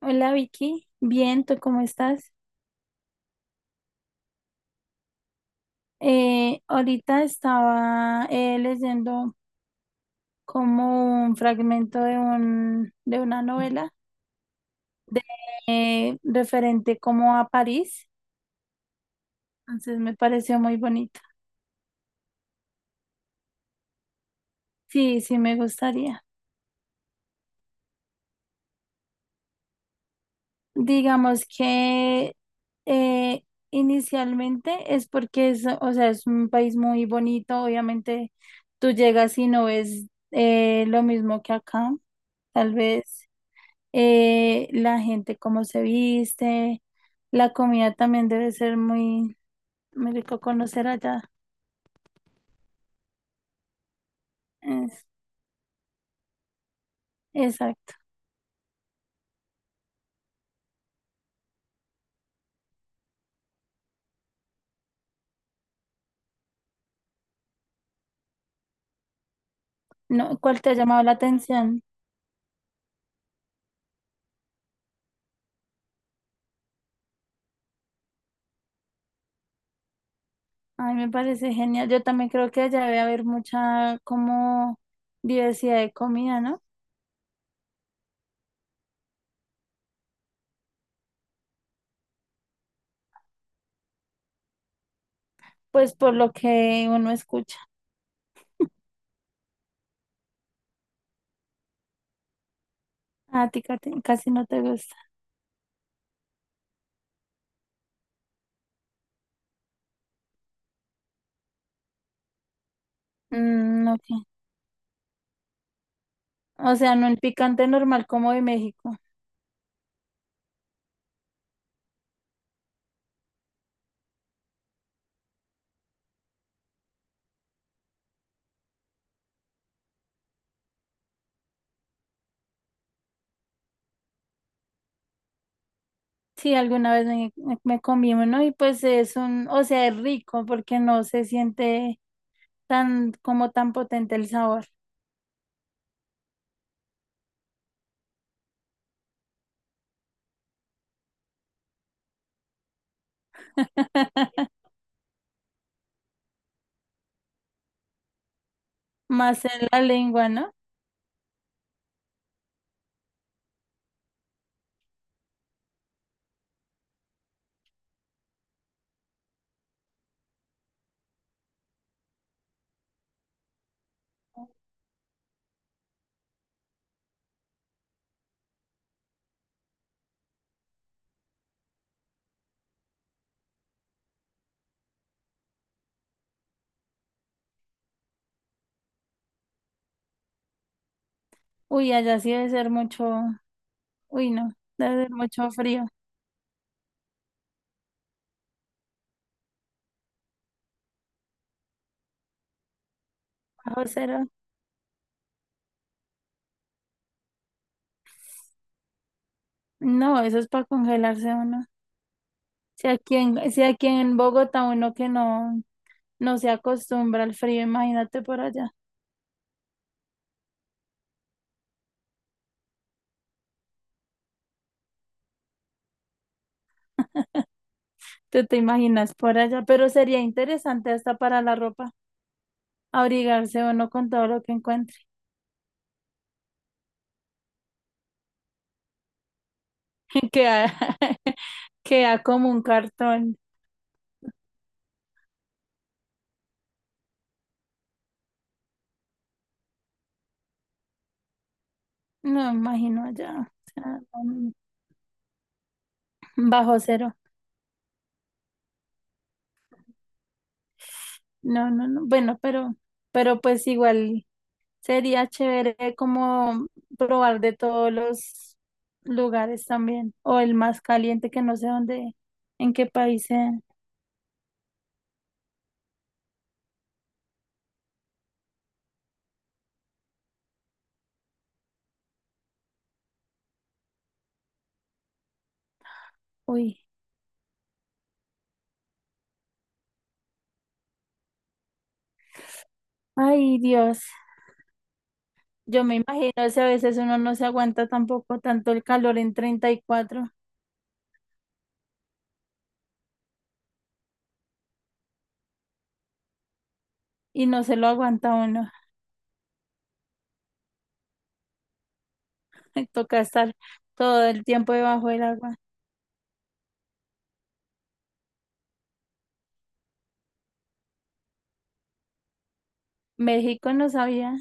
Hola Vicky, bien, ¿tú cómo estás? Ahorita estaba leyendo como un fragmento de de una novela de referente como a París, entonces me pareció muy bonito. Sí, sí me gustaría. Digamos que eh, inicialmente es porque es, o sea, es un país muy bonito, obviamente tú llegas y no ves lo mismo que acá, tal vez. La gente cómo se viste, la comida también debe ser muy, muy rico conocer allá. Es- exacto. No, ¿cuál te ha llamado la atención? Ay, me parece genial. Yo también creo que allá debe haber mucha como diversidad de comida, ¿no? Pues por lo que uno escucha. A ti Katy, casi no te gusta. Mm, ok. O sea, no el picante normal como de México. Sí, alguna vez me comí uno y pues es un, o sea, es rico porque no se siente tan como tan potente el sabor. Más en la lengua, ¿no? Uy, allá sí debe ser mucho, uy, no, debe ser mucho frío, bajo cero. No, eso es para congelarse uno. Si aquí en Bogotá uno que no, no se acostumbra al frío, imagínate por allá. Tú te imaginas por allá, pero sería interesante hasta para la ropa, abrigarse uno con todo lo que encuentra. que queda como un cartón. No me imagino ya, o sea, bajo cero. No, no, no. Bueno, pero pues igual sería chévere como probar de todos los lugares también. O el más caliente que no sé dónde, en qué país sea. Uy, ay Dios. Yo me imagino si a veces uno no se aguanta tampoco tanto el calor en 34 y cuatro y no se lo aguanta uno. Toca estar todo el tiempo debajo del agua. México no sabía.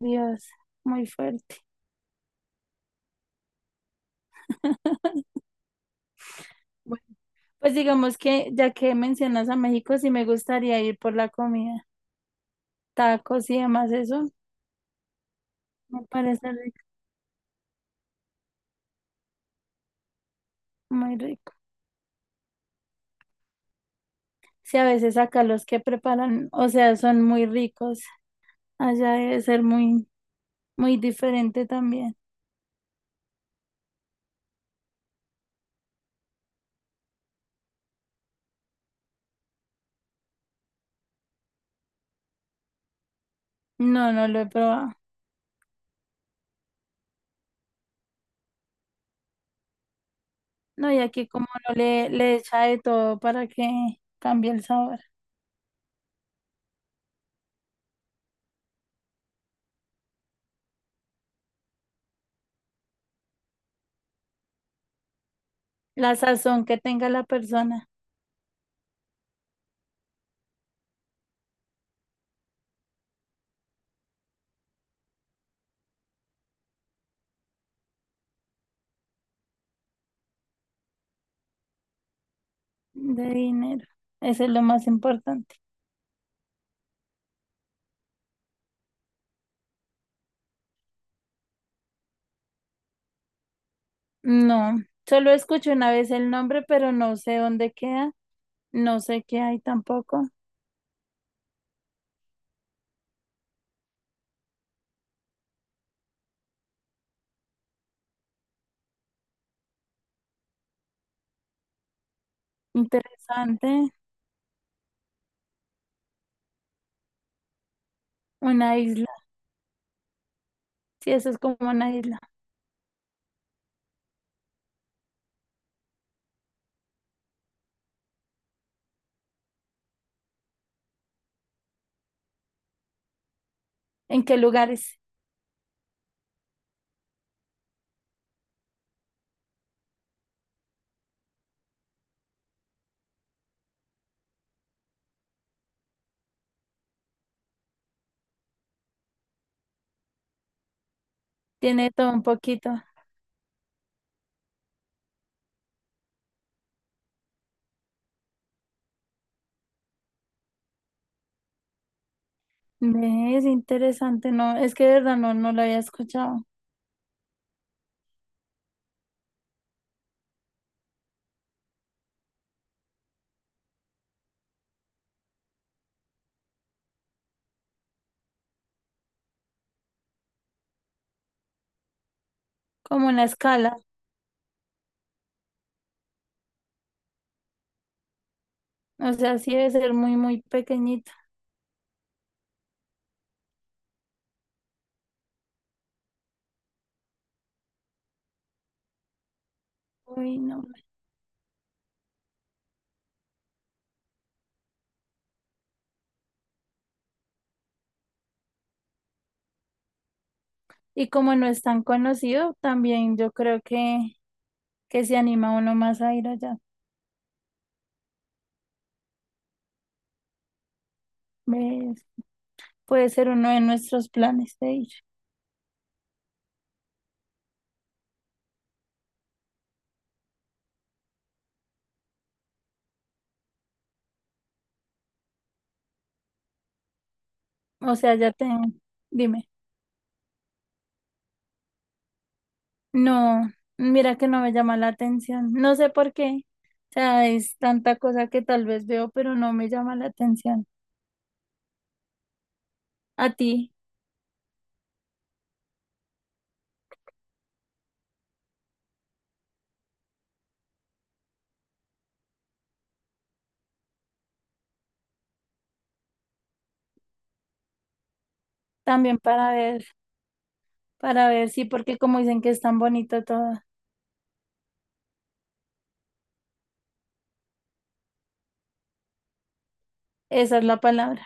Dios, muy fuerte. Bueno, pues digamos que ya que mencionas a México, sí me gustaría ir por la comida, tacos y demás, eso me parece rico, muy rico. Sí, a veces acá los que preparan, o sea, son muy ricos. Allá debe ser muy, muy diferente también. No, no lo he probado. No, y aquí como no le, le echa de todo para que cambie el sabor. La sazón que tenga la persona de dinero. Eso es lo más importante. No, solo escuché una vez el nombre, pero no sé dónde queda. No sé qué hay tampoco. Interesante. Una isla. Sí, eso es como una isla. ¿En qué lugares? Tiene todo un poquito. Ve, es interesante, no, es que de verdad no, no lo había escuchado. Como una escala. O sea, sí debe ser muy, muy pequeñita. Uy, no. Y como no es tan conocido, también yo creo que se anima uno más a ir allá. ¿Ves? Puede ser uno de nuestros planes de ir. O sea, ya te... Dime. No, mira que no me llama la atención. No sé por qué. O sea, es tanta cosa que tal vez veo, pero no me llama la atención. A ti también para ver, sí, porque como dicen que es tan bonito todo, esa es la palabra.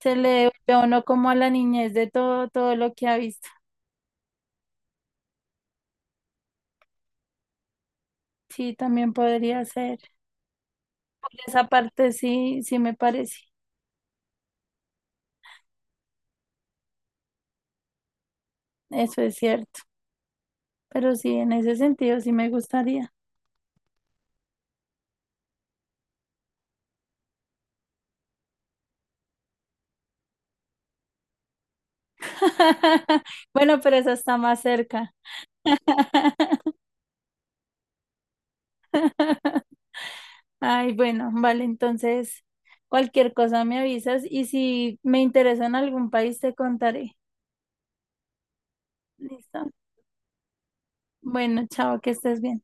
Se le ve a uno como a la niñez de todo, todo lo que ha visto. Sí, también podría ser. Por esa parte sí, sí me parece. Eso es cierto. Pero sí, en ese sentido sí me gustaría. Bueno, pero esa está más cerca. Ay, bueno, vale, entonces cualquier cosa me avisas y si me interesa en algún país te contaré. ¿Listo? Bueno, chao, que estés bien.